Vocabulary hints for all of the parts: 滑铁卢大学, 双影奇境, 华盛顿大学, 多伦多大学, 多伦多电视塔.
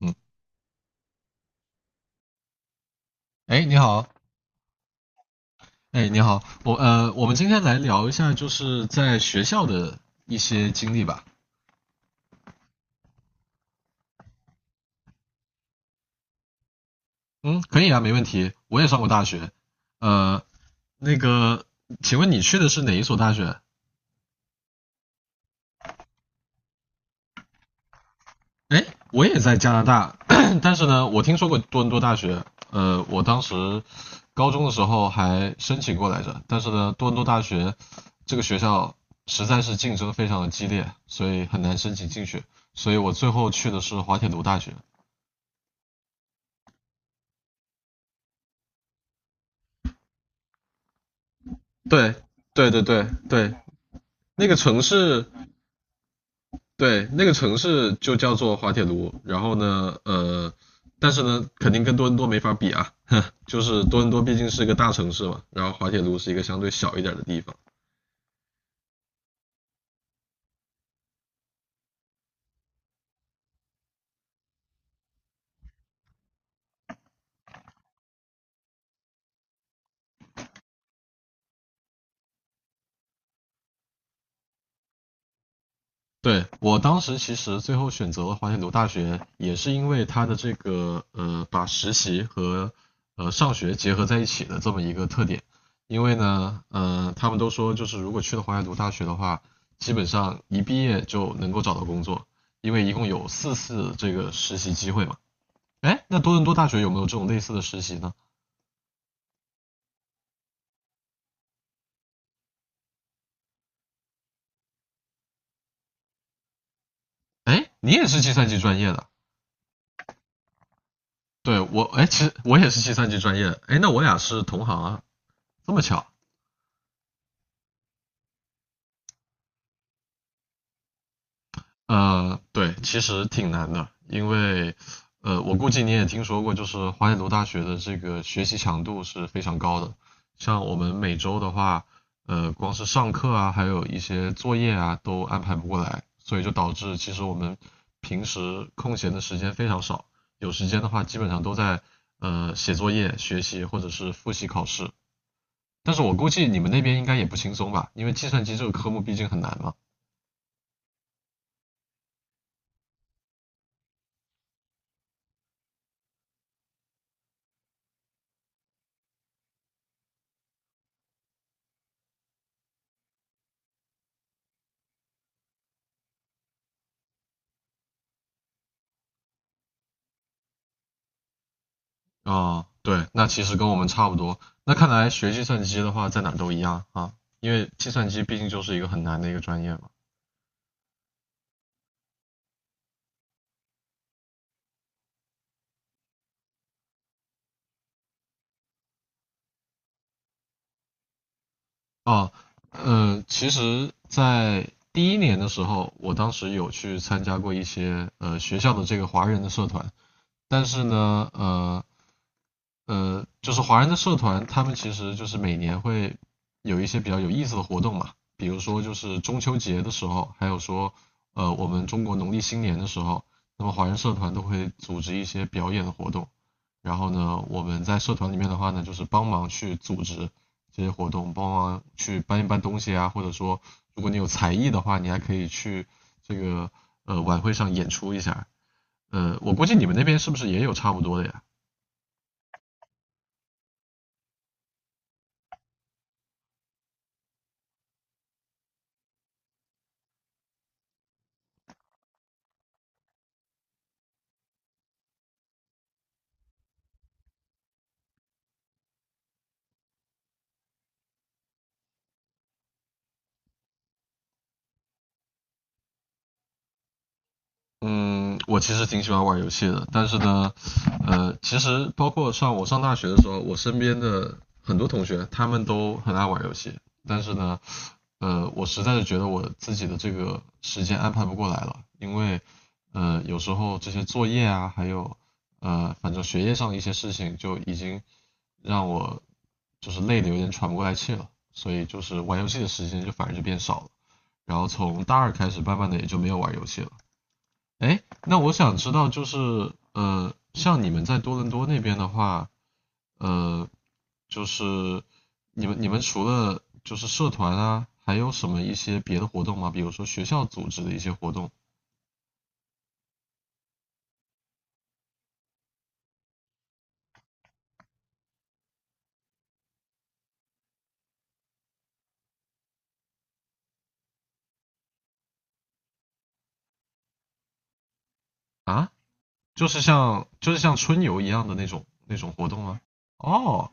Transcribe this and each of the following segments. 嗯，哎，你好，哎，你好，我们今天来聊一下，就是在学校的一些经历吧。嗯，可以啊，没问题。我也上过大学，呃，那个，请问你去的是哪一所大学？哎，我也在加拿大，但是呢，我听说过多伦多大学，我当时高中的时候还申请过来着，但是呢，多伦多大学这个学校实在是竞争非常的激烈，所以很难申请进去，所以我最后去的是滑铁卢大学。对对对对对，那个城市，对那个城市就叫做滑铁卢。然后呢，呃，但是呢，肯定跟多伦多没法比啊，就是多伦多毕竟是一个大城市嘛，然后滑铁卢是一个相对小一点的地方。对，我当时其实最后选择了华盛顿大学，也是因为它的这个，把实习和上学结合在一起的这么一个特点。因为呢，他们都说就是如果去了华盛顿大学的话，基本上一毕业就能够找到工作，因为一共有4次这个实习机会嘛。哎，那多伦多大学有没有这种类似的实习呢？哎，你也是计算机专业的？对，我，哎，其实我也是计算机专业的。哎，那我俩是同行啊，这么巧。对，其实挺难的，因为，我估计你也听说过，就是华北读大学的这个学习强度是非常高的。像我们每周的话，光是上课啊，还有一些作业啊，都安排不过来，所以就导致其实我们平时空闲的时间非常少，有时间的话基本上都在写作业、学习或者是复习考试。但是我估计你们那边应该也不轻松吧，因为计算机这个科目毕竟很难嘛。哦，对，那其实跟我们差不多。那看来学计算机的话，在哪都一样啊，因为计算机毕竟就是一个很难的一个专业嘛。啊，嗯，其实，在第1年的时候，我当时有去参加过一些学校的这个华人的社团，但是呢，呃，呃，就是华人的社团，他们其实就是每年会有一些比较有意思的活动嘛，比如说就是中秋节的时候，还有说我们中国农历新年的时候，那么华人社团都会组织一些表演的活动。然后呢，我们在社团里面的话呢，就是帮忙去组织这些活动，帮忙去搬一搬东西啊，或者说如果你有才艺的话，你还可以去这个晚会上演出一下。我估计你们那边是不是也有差不多的呀？嗯，我其实挺喜欢玩游戏的，但是呢，其实包括我上大学的时候，我身边的很多同学他们都很爱玩游戏，但是呢，我实在是觉得我自己的这个时间安排不过来了，因为，有时候这些作业啊，还有，反正学业上的一些事情，就已经让我就是累的有点喘不过来气了，所以就是玩游戏的时间就反而就变少了，然后从大二开始，慢慢的也就没有玩游戏了。哎，那我想知道，就是,像你们在多伦多那边的话，呃，就是你们除了就是社团啊，还有什么一些别的活动吗？比如说学校组织的一些活动啊，就是像春游一样的那种活动吗？哦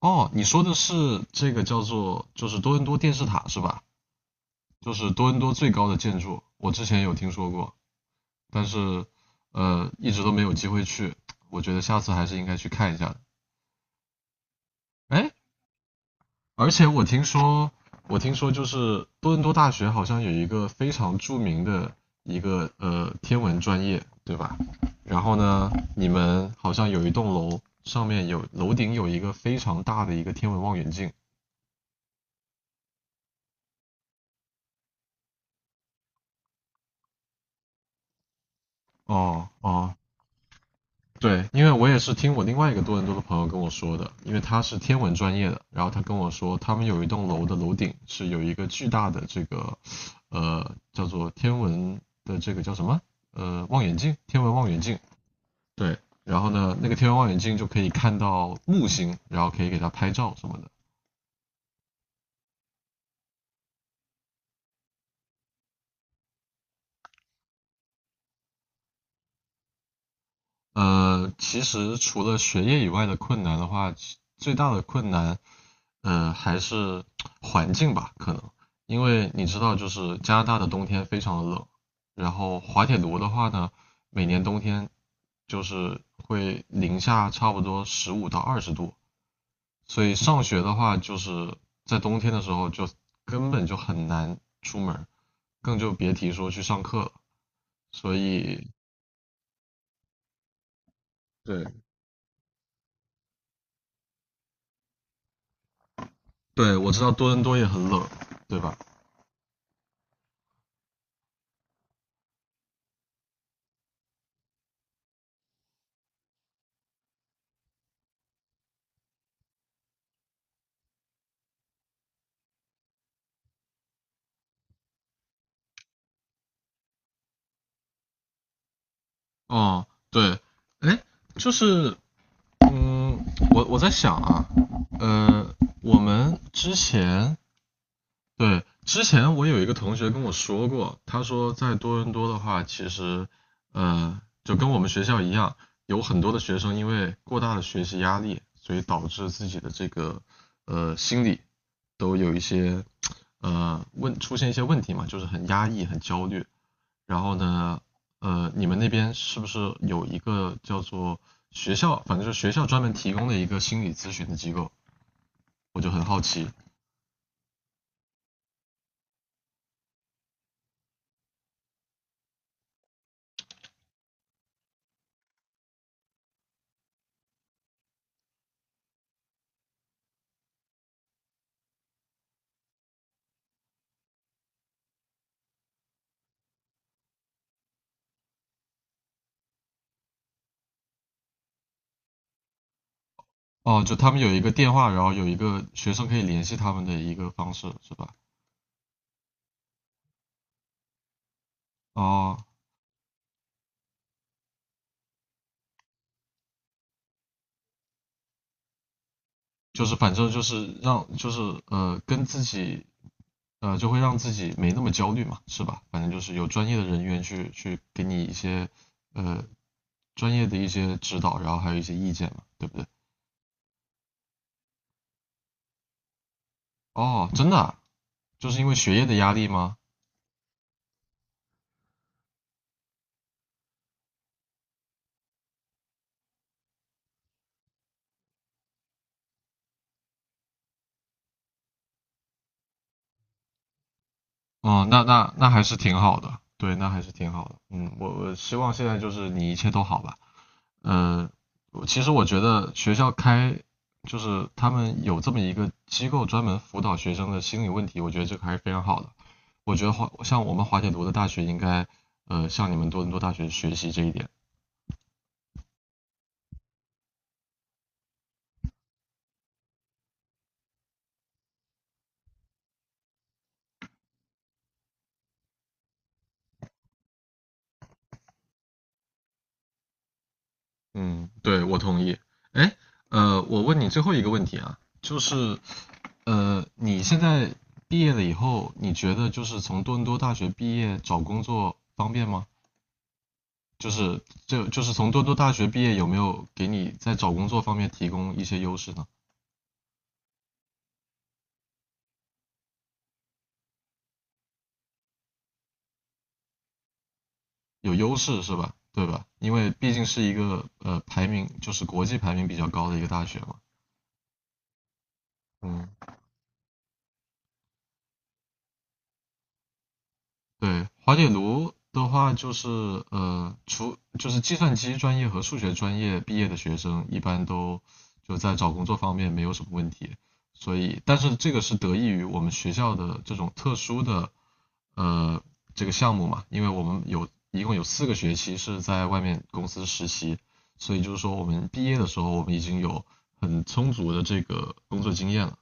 哦，你说的是这个叫做就是多伦多电视塔是吧？就是多伦多最高的建筑，我之前有听说过。但是一直都没有机会去，我觉得下次还是应该去看一下的。哎，而且我听说，我听说就是多伦多大学好像有一个非常著名的一个天文专业，对吧？然后呢，你们好像有一栋楼上面有楼顶有一个非常大的一个天文望远镜。哦哦，对，因为我也是听我另外一个多伦多的朋友跟我说的，因为他是天文专业的，然后他跟我说，他们有一栋楼的楼顶是有一个巨大的这个，叫做天文的这个叫什么？望远镜，天文望远镜。对，然后呢，那个天文望远镜就可以看到木星，然后可以给它拍照什么的。其实除了学业以外的困难的话，最大的困难还是环境吧，可能，因为你知道，就是加拿大的冬天非常的冷，然后滑铁卢的话呢，每年冬天就是会零下差不多15到20度，所以上学的话，就是在冬天的时候就根本就很难出门，更就别提说去上课了。所以，对对，我知道多伦多也很冷，对吧？哦，对，哎，就是嗯，我我在想啊，呃，我们之前对之前我有一个同学跟我说过，他说在多伦多的话，其实就跟我们学校一样，有很多的学生因为过大的学习压力，所以导致自己的这个心理都有一些出现一些问题嘛，就是很压抑、很焦虑。然后呢，你们那边是不是有一个叫做学校，反正就是学校专门提供的一个心理咨询的机构？我就很好奇。哦，就他们有一个电话，然后有一个学生可以联系他们的一个方式，是吧？哦，就是反正就是让就是呃跟自己呃就会让自己没那么焦虑嘛，是吧？反正就是有专业的人员去给你一些呃专业的一些指导，然后还有一些意见嘛，对不对？哦，真的啊就是因为学业的压力吗？哦，那那那还是挺好的，对，那还是挺好的。嗯，我我希望现在就是你一切都好吧。嗯，其实我觉得学校开就是他们有这么一个机构专门辅导学生的心理问题，我觉得这个还是非常好的。我觉得像我们华铁读的大学应该向你们多伦多大学学习这一点。嗯，对，我同意。哎，我问你最后一个问题啊，就是，你现在毕业了以后，你觉得就是从多伦多大学毕业找工作方便吗？就是从多伦多大学毕业有没有给你在找工作方面提供一些优势呢？有优势是吧？对吧？因为毕竟是一个排名就是国际排名比较高的一个大学嘛。嗯对，滑铁卢的话就是就是计算机专业和数学专业毕业的学生，一般都就在找工作方面没有什么问题。所以，但是这个是得益于我们学校的这种特殊的呃这个项目嘛，因为我们一共有4个学期是在外面公司实习，所以就是说我们毕业的时候，我们已经有很充足的这个工作经验了，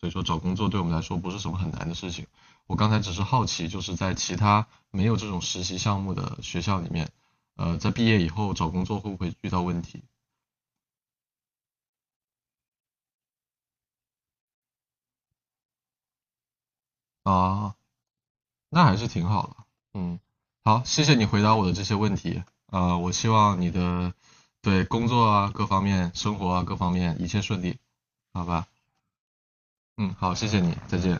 所以说找工作对我们来说不是什么很难的事情。我刚才只是好奇，就是在其他没有这种实习项目的学校里面，在毕业以后找工作会不会遇到问题？啊，那还是挺好的。嗯，好，谢谢你回答我的这些问题。我希望你的对工作啊各方面、生活啊各方面一切顺利，好吧？嗯，好，谢谢你，再见。